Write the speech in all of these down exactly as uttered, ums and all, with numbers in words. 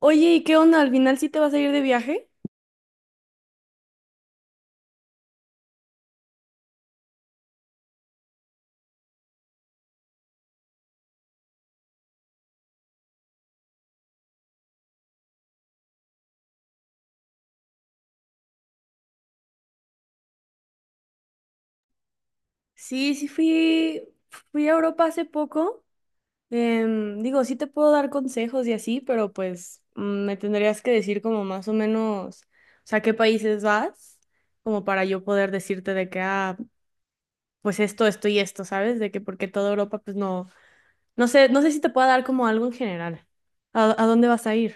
Oye, ¿y qué onda? ¿Al final sí te vas a ir de viaje? Sí, sí fui, fui a Europa hace poco. Em, digo, sí te puedo dar consejos y así, pero pues mm, me tendrías que decir como más o menos, o sea, qué países vas, como para yo poder decirte de que, ah, pues esto, esto y esto, ¿sabes? De que porque toda Europa, pues no, no sé, no sé si te pueda dar como algo en general. ¿A, a dónde vas a ir?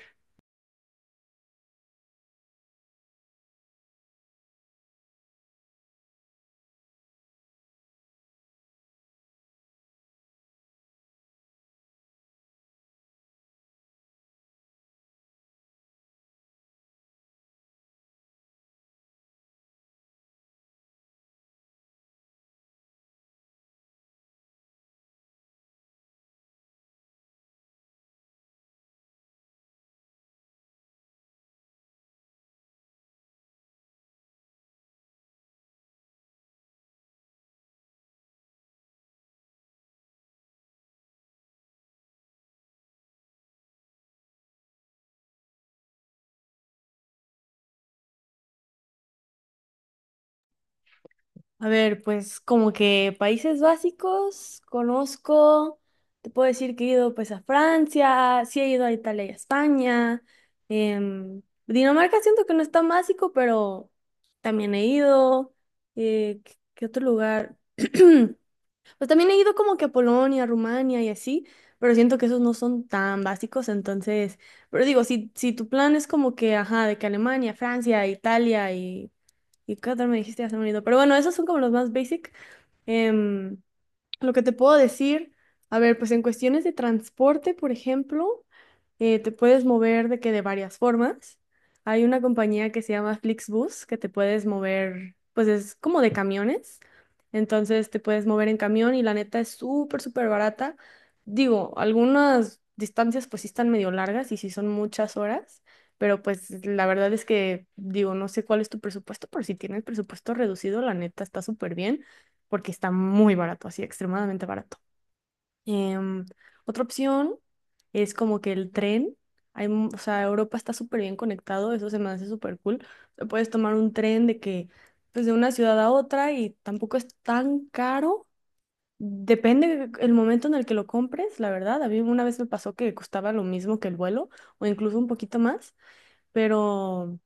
A ver, pues como que países básicos, conozco, te puedo decir que he ido pues a Francia, sí he ido a Italia y a España. em, Dinamarca siento que no es tan básico, pero también he ido. eh, ¿qué qué otro lugar? Pues también he ido como que a Polonia, Rumania y así, pero siento que esos no son tan básicos, entonces, pero digo, si, si tu plan es como que, ajá, de que Alemania, Francia, Italia y y qué otro me dijiste hace un bonito. Pero bueno, esos son como los más basic. Em, lo que te puedo decir, a ver, pues en cuestiones de transporte, por ejemplo eh, te puedes mover de que de varias formas. Hay una compañía que se llama Flixbus que te puedes mover, pues es como de camiones. Entonces te puedes mover en camión y la neta es súper, súper barata. Digo, algunas distancias pues sí están medio largas y sí son muchas horas, pero pues la verdad es que digo, no sé cuál es tu presupuesto, pero si tienes presupuesto reducido, la neta está súper bien porque está muy barato, así extremadamente barato. Em, Otra opción es como que el tren, hay, mu- o sea, Europa está súper bien conectado, eso se me hace súper cool. O sea, puedes tomar un tren de que, pues de una ciudad a otra y tampoco es tan caro. Depende el momento en el que lo compres, la verdad. A mí una vez me pasó que costaba lo mismo que el vuelo o incluso un poquito más, pero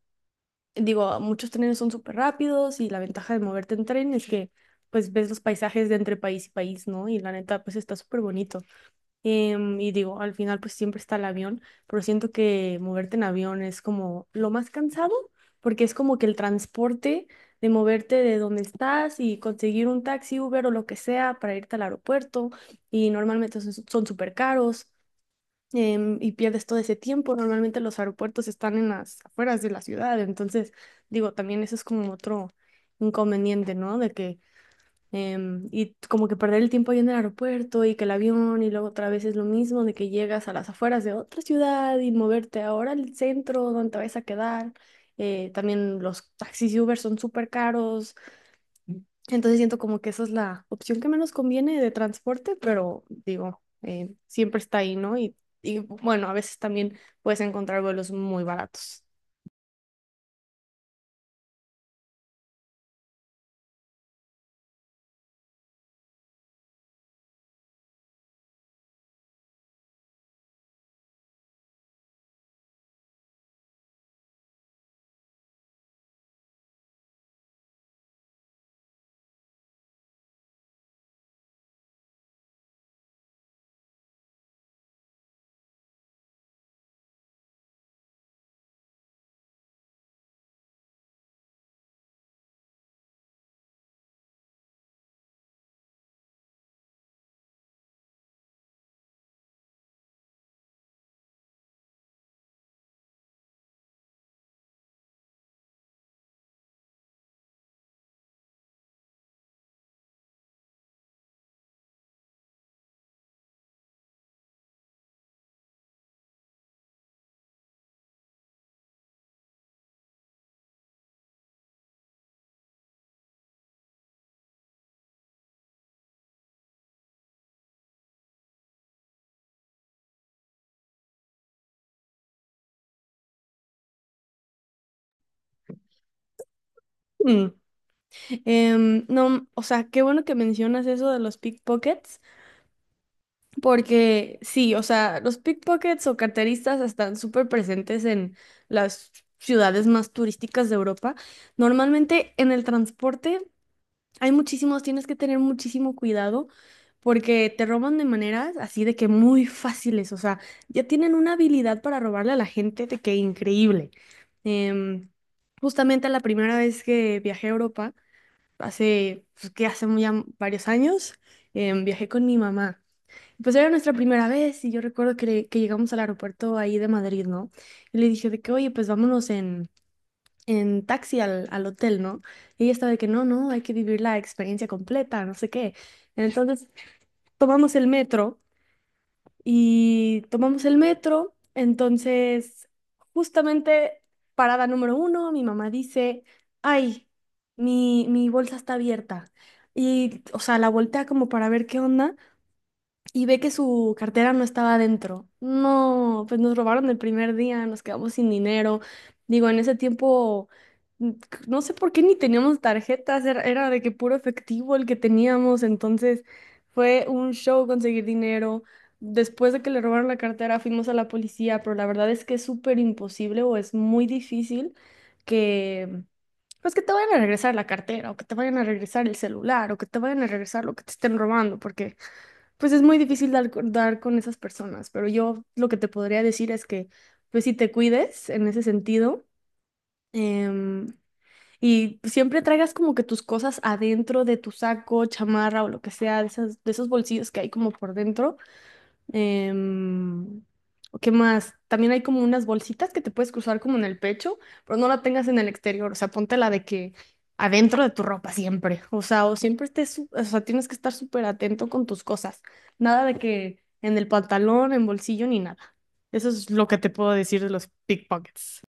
digo, muchos trenes son súper rápidos y la ventaja de moverte en tren es que pues ves los paisajes de entre país y país, ¿no? Y la neta, pues está súper bonito. Em, y digo, al final pues siempre está el avión, pero siento que moverte en avión es como lo más cansado, porque es como que el transporte de moverte de donde estás y conseguir un taxi, Uber o lo que sea para irte al aeropuerto, y normalmente son son súper caros, em, y pierdes todo ese tiempo. Normalmente los aeropuertos están en las afueras de la ciudad, entonces digo, también eso es como otro inconveniente, ¿no? De que em, y como que perder el tiempo ahí en el aeropuerto y que el avión y luego otra vez es lo mismo de que llegas a las afueras de otra ciudad y moverte ahora al centro donde te vas a quedar. Eh, también los taxis y Uber son súper caros. Entonces siento como que esa es la opción que menos conviene de transporte, pero digo, eh, siempre está ahí, ¿no? Y, y bueno, a veces también puedes encontrar vuelos muy baratos. Mm. Em, no, o sea, qué bueno que mencionas eso de los pickpockets. Porque sí, o sea, los pickpockets o carteristas están súper presentes en las ciudades más turísticas de Europa. Normalmente en el transporte hay muchísimos, tienes que tener muchísimo cuidado porque te roban de maneras así de que muy fáciles, o sea, ya tienen una habilidad para robarle a la gente de que increíble. Em, Justamente la primera vez que viajé a Europa, hace, pues, que hace muy am- varios años, em, viajé con mi mamá. Pues era nuestra primera vez y yo recuerdo que, le- que llegamos al aeropuerto ahí de Madrid, ¿no? Y le dije de que, oye, pues vámonos en, en taxi al, al hotel, ¿no? Y ella estaba de que, no, no, hay que vivir la experiencia completa, no sé qué. Entonces tomamos el metro y tomamos el metro, entonces justamente parada número uno, mi mamá dice, ay, mi, mi bolsa está abierta. Y, o sea, la voltea como para ver qué onda y ve que su cartera no estaba adentro. No, pues nos robaron el primer día, nos quedamos sin dinero. Digo, en ese tiempo, mm, c- no sé por qué ni teníamos tarjetas, era, era de que puro efectivo el que teníamos, entonces fue un show conseguir dinero. Después de que le robaron la cartera, fuimos a la policía, pero la verdad es que es súper imposible o es muy difícil que, pues que te vayan a regresar la cartera o que te vayan a regresar el celular o que te vayan a regresar lo que te estén robando, porque pues es muy difícil dar, co- dar con esas personas, pero yo lo que te podría decir es que, pues si te cuides en ese sentido, em, y siempre traigas como que tus cosas adentro de tu saco, chamarra o lo que sea, de esas, de esos bolsillos que hay como por dentro. Em, ¿Qué más? También hay como unas bolsitas que te puedes cruzar como en el pecho, pero no la tengas en el exterior. O sea, ponte la de que adentro de tu ropa siempre. O sea, o siempre estés, su- o sea, tienes que estar súper atento con tus cosas. Nada de que en el pantalón, en bolsillo, ni nada. Eso es lo que te puedo decir de los pickpockets.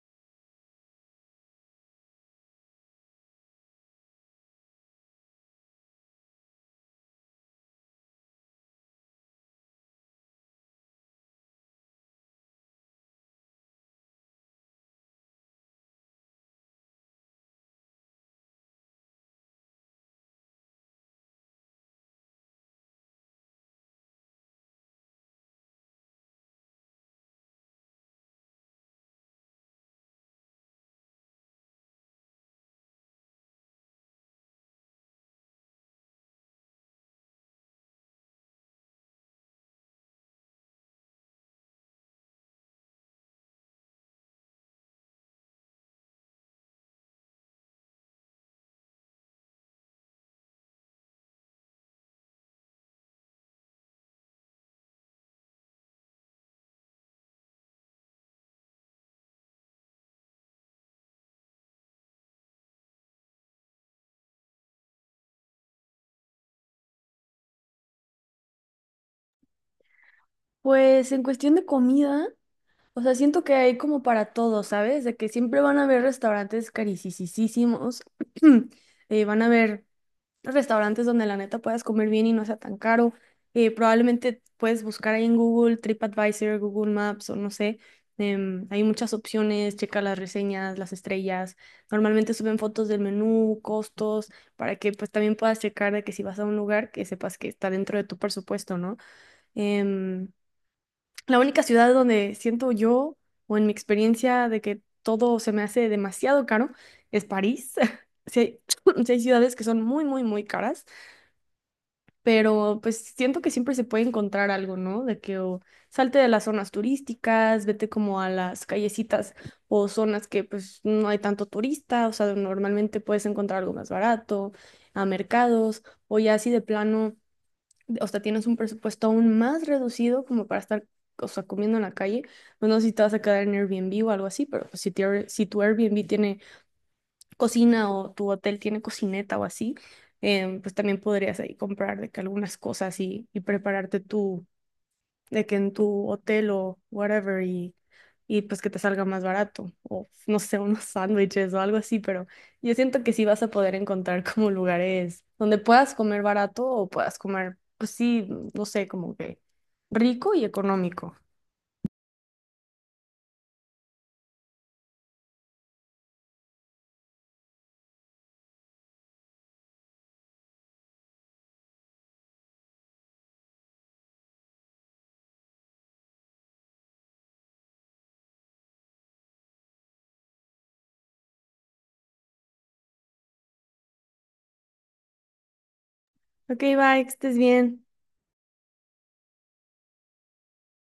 Pues en cuestión de comida, o sea, siento que hay como para todo, ¿sabes? De que siempre van a haber restaurantes caricisísimos, eh, van a haber restaurantes donde la neta puedas comer bien y no sea tan caro. Eh, probablemente puedes buscar ahí en Google, TripAdvisor, Google Maps o no sé. Em, hay muchas opciones, checa las reseñas, las estrellas. Normalmente suben fotos del menú, costos, para que pues también puedas checar de que si vas a un lugar que sepas que está dentro de tu presupuesto, ¿no? Em, la única ciudad donde siento yo o en mi experiencia de que todo se me hace demasiado caro es París. Sí hay sí hay ciudades que son muy, muy, muy caras pero pues siento que siempre se puede encontrar algo, ¿no? De que o salte de las zonas turísticas, vete como a las callecitas o zonas que pues no hay tanto turista, o sea, normalmente puedes encontrar algo más barato, a mercados, o ya así de plano, o sea, tienes un presupuesto aún más reducido como para estar, o sea, comiendo en la calle, pues no sé si te vas a quedar en Airbnb o algo así, pero pues, si, tu Air- si tu Airbnb tiene cocina o tu hotel tiene cocineta o así, em, pues también podrías ahí comprar de que algunas cosas y, y prepararte tú, de que en tu hotel o whatever y, y pues que te salga más barato o no sé, unos sándwiches o algo así, pero yo siento que sí vas a poder encontrar como lugares donde puedas comer barato o puedas comer, pues sí, no sé, como que rico y económico. Ok, bye, que estés bien.